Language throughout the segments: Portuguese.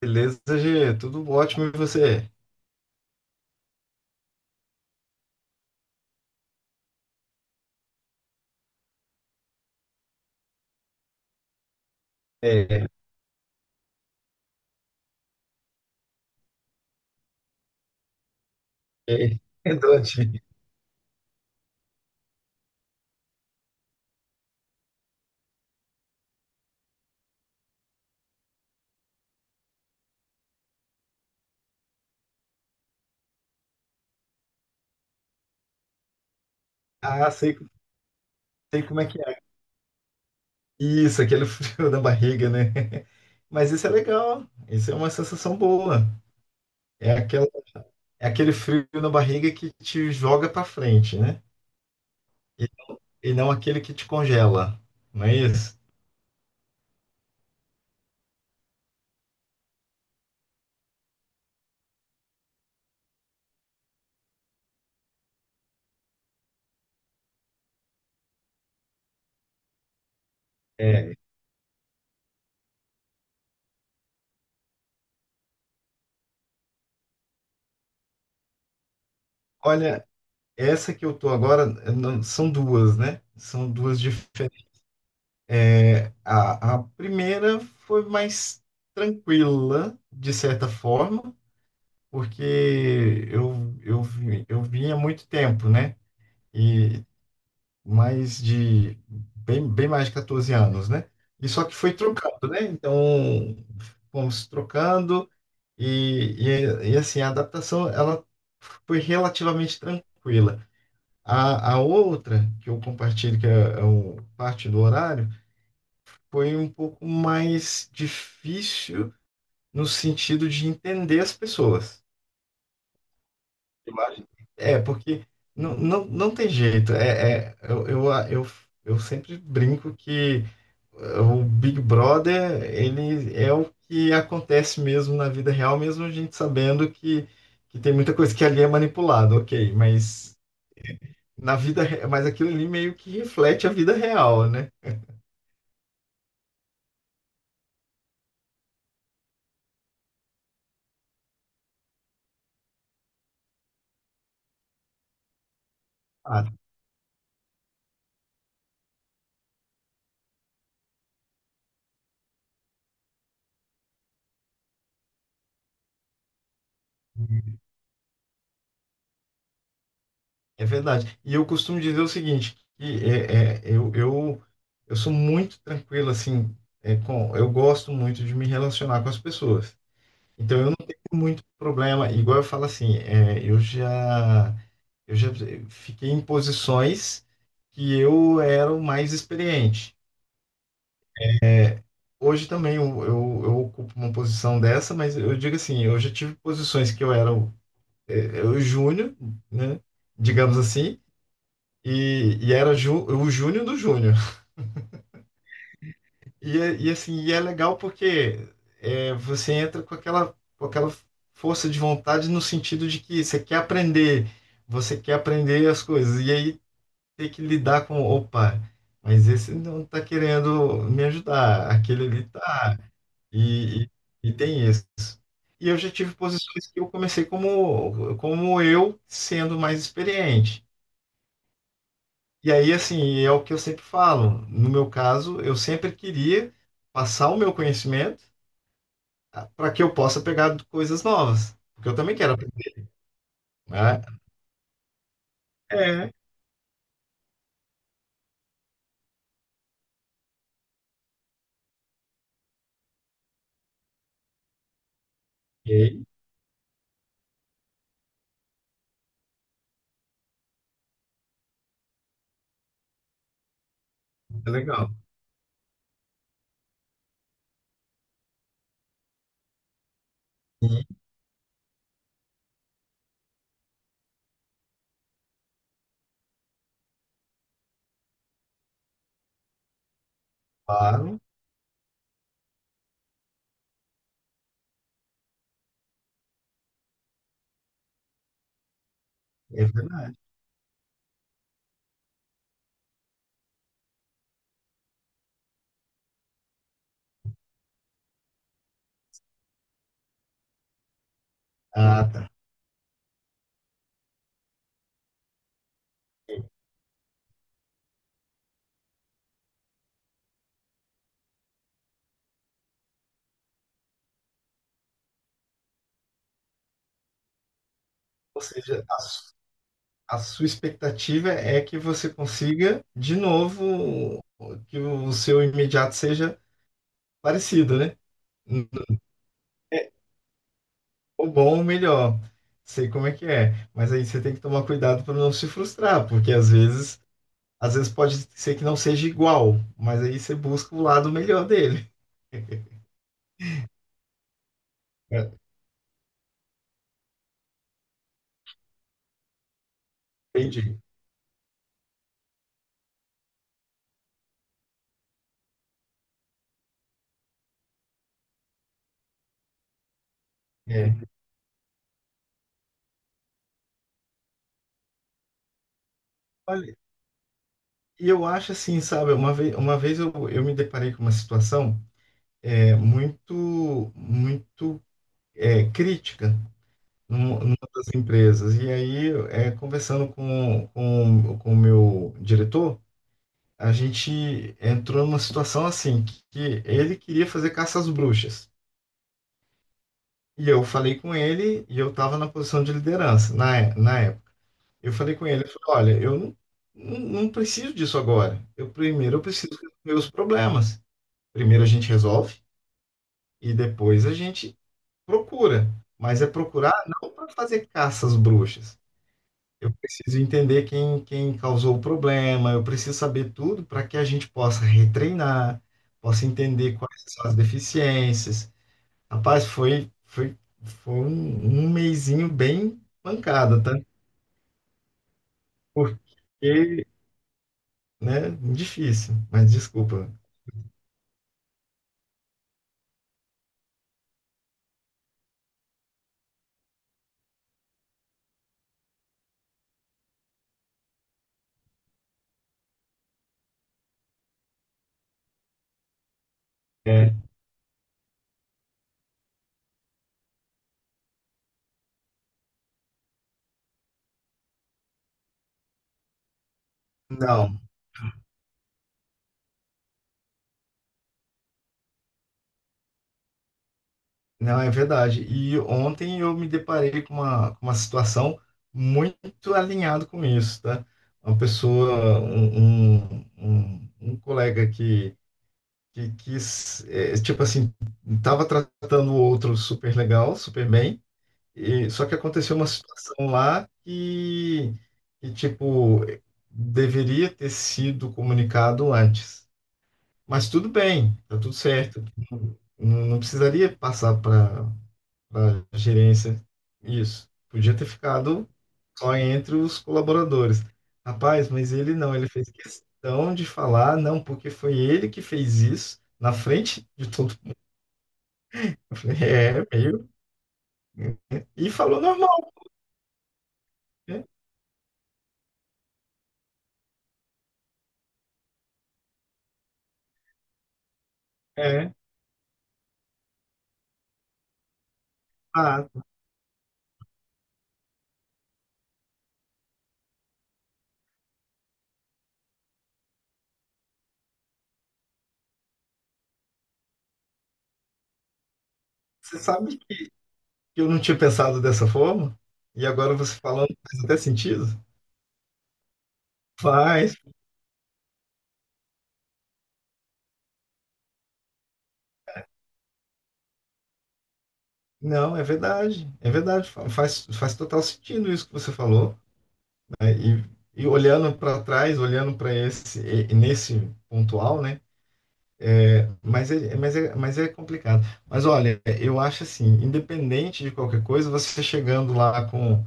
Beleza, G, tudo ótimo e você? É, é, é doente. Ah, sei, sei como é que é. Isso, aquele frio na barriga, né? Mas isso é legal, isso é uma sensação boa. É aquela, é aquele frio na barriga que te joga pra frente, né? E, e não aquele que te congela, não é isso? É, olha, essa que eu tô agora, eu não- são duas, né? São duas diferentes. É, a primeira foi mais tranquila, de certa forma, porque eu vinha há muito tempo, né? E mais de bem, bem mais de 14 anos, né? E só que foi trocando, né? Então, fomos trocando e assim, a adaptação ela foi relativamente tranquila. A outra, que eu compartilho, que é, é o- parte do horário, foi um pouco mais difícil no sentido de entender as pessoas. Eu acho- É, porque não tem jeito. Eu sempre brinco que o Big Brother, ele é o que acontece mesmo na vida real, mesmo a gente sabendo que tem muita coisa que ali é manipulada, ok, mas mas aquilo ali meio que reflete a vida real, né? Ah, é verdade. E eu costumo dizer o seguinte, que eu sou muito tranquilo, assim, eu gosto muito de me relacionar com as pessoas. Então, eu não tenho muito problema. Igual eu falo assim, eu já fiquei em posições que eu era o mais experiente. Hoje também eu ocupo uma posição dessa, mas eu digo assim, eu já tive posições que eu era o júnior, né? Digamos assim, e, era o Júnior do Júnior. E assim, e é legal porque você entra com aquela força de vontade no sentido de que você quer aprender as coisas, e aí tem que lidar com, opa, mas esse não está querendo me ajudar, aquele ali tá, e, e, e tem isso. E eu já tive posições que eu comecei como, como eu sendo mais experiente. E aí, assim, é o que eu sempre falo. No meu caso, eu sempre queria passar o meu conhecimento para que eu possa pegar coisas novas, porque eu também quero aprender, né? É, ok, é legal. Sim, claro, é verdade. Ah, tá. Ou seja, a sua expectativa é que você consiga, de novo, que o seu imediato seja parecido, né? O bom, o melhor. Sei como é que é. Mas aí você tem que tomar cuidado para não se frustrar, porque às vezes pode ser que não seja igual, mas aí você busca o lado melhor dele. É, entendi. É. Olha, e eu acho assim, sabe, uma vez eu me deparei com uma situação muito crítica numa das empresas. E aí, é, conversando com o meu diretor, a gente entrou numa situação assim, que ele queria fazer caça às bruxas. E eu falei com ele, e eu estava na posição de liderança na época. Eu falei com ele, eu falei, olha, eu não, não, não preciso disso agora. Eu primeiro eu preciso resolver os problemas. Primeiro a gente resolve e depois a gente procura. Mas é procurar não para fazer caça às bruxas. Eu preciso entender quem, quem causou o problema, eu preciso saber tudo para que a gente possa retreinar, possa entender quais são as deficiências. Rapaz, foi um mesinho bem pancada, tá? Porque, né, difícil, mas desculpa. É, não, não é verdade. E ontem eu me deparei com uma situação muito alinhada com isso, tá? Uma pessoa, um um colega que quis, é, tipo assim, estava tratando o outro super legal, super bem, e, só que aconteceu uma situação lá que, tipo, deveria ter sido comunicado antes. Mas tudo bem, tá tudo certo. Não precisaria passar para a gerência isso. Podia ter ficado só entre os colaboradores. Rapaz, mas ele não, ele fez questão de falar, não, porque foi ele que fez isso na frente de todo eu falei, é, meio. E falou normal, né? É. Ah, você sabe que eu não tinha pensado dessa forma? E agora você falando faz até sentido? Faz. Não, é verdade. É verdade. Faz, faz total sentido isso que você falou. É, e olhando para trás, olhando para esse, nesse pontual, né? Mas é, mas é, mas é complicado. Mas olha, eu acho assim, independente de qualquer coisa, você chegando lá com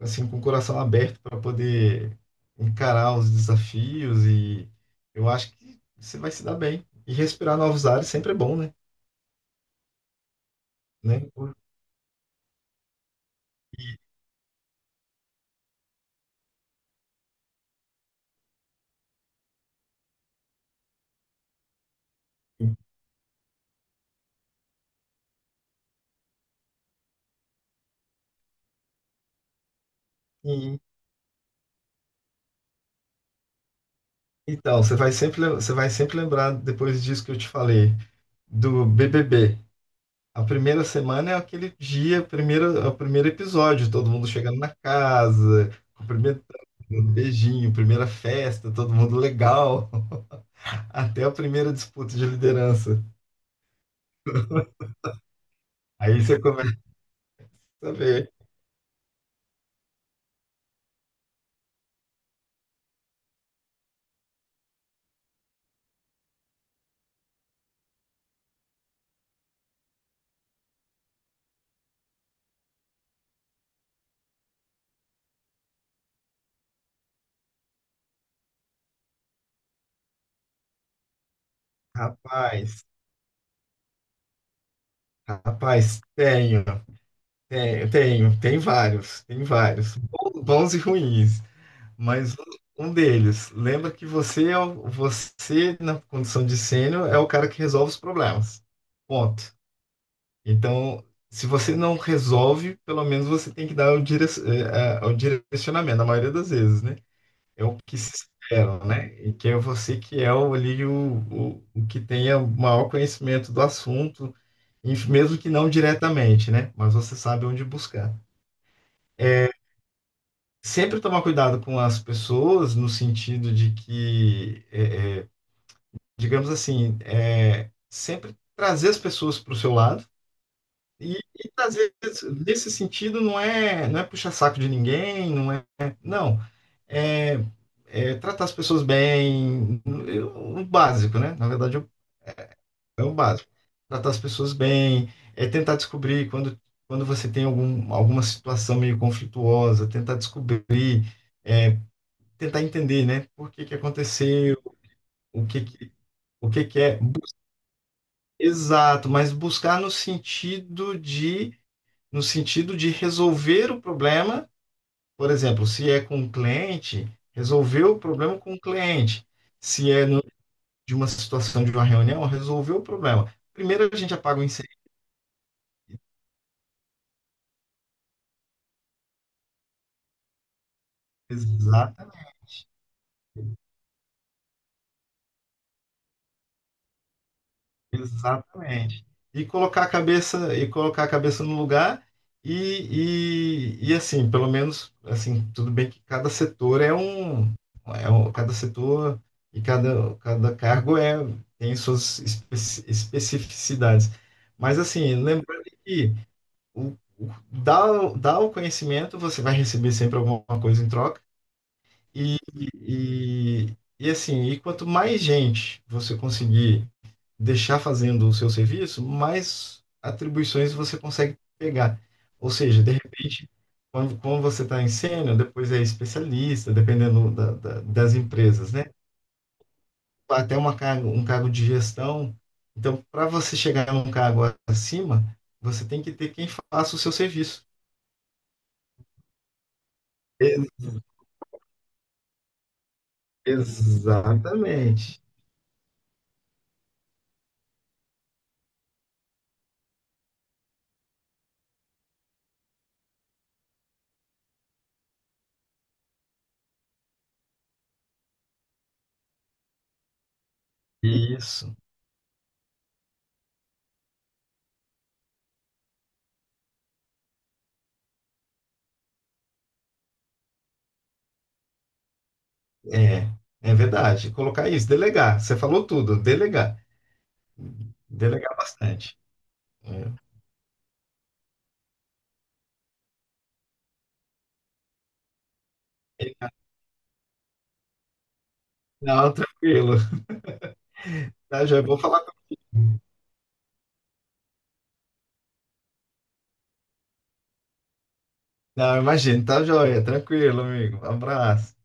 assim com o coração aberto para poder encarar os desafios e eu acho que você vai se dar bem. E respirar novos ares sempre é bom, né? Né? E- então, você vai sempre, você vai sempre lembrar depois disso que eu te falei, do BBB. A primeira semana é aquele dia, primeiro, é o primeiro episódio, todo mundo chegando na casa, com Notejinho, primeira festa, todo mundo legal, até a primeira disputa de liderança. Aí você começa a ver, rapaz, rapaz, tenho, tenho, tenho, tem vários, bons, bons e ruins, mas um deles, lembra que você, você, na condição de sênior, é o cara que resolve os problemas, ponto. Então, se você não resolve, pelo menos você tem que dar o direcionamento, na maioria das vezes, né? É o que se espera, né? E que é você que é o que tenha o maior conhecimento do assunto, e mesmo que não diretamente, né? Mas você sabe onde buscar. Sempre tomar cuidado com as pessoas, no sentido de que, digamos assim, é, sempre trazer as pessoas para o seu lado. Às vezes, nesse sentido, não é puxar saco de ninguém, não é. Não. É, é tratar as pessoas bem, o básico, né? Na verdade, é o básico. Tratar as pessoas bem, é tentar descobrir quando, quando você tem algum, alguma situação meio conflituosa, tentar descobrir, é, tentar entender, né? Por que que aconteceu, o que que, o que que é. Exato, mas buscar no sentido de no sentido de resolver o problema, por exemplo, se é com um cliente, resolver o problema com o cliente. Se é no- de uma situação de uma reunião, resolver o problema. Primeiro a gente apaga o incêndio. Exatamente. Exatamente. E colocar a cabeça e colocar a cabeça no lugar e assim, pelo menos assim, tudo bem que cada setor é um cada setor e cada, cada cargo é tem suas especificidades. Mas assim, lembrando que o, dá, dá o conhecimento, você vai receber sempre alguma coisa em troca e, e assim, e quanto mais gente você conseguir deixar fazendo o seu serviço, mais atribuições você consegue pegar. Ou seja, de repente, quando você está em sênior, depois é especialista, dependendo das empresas, né? Um cargo de gestão. Então, para você chegar num cargo acima, você tem que ter quem faça o seu serviço. E- Exatamente. Isso. É, é verdade. Colocar isso, delegar. Você falou tudo, delegar. Delegar bastante. É. Não, tranquilo. Tá, joia. Vou falar com... Não, imagina, tá, joia. Tranquilo, amigo. Um abraço.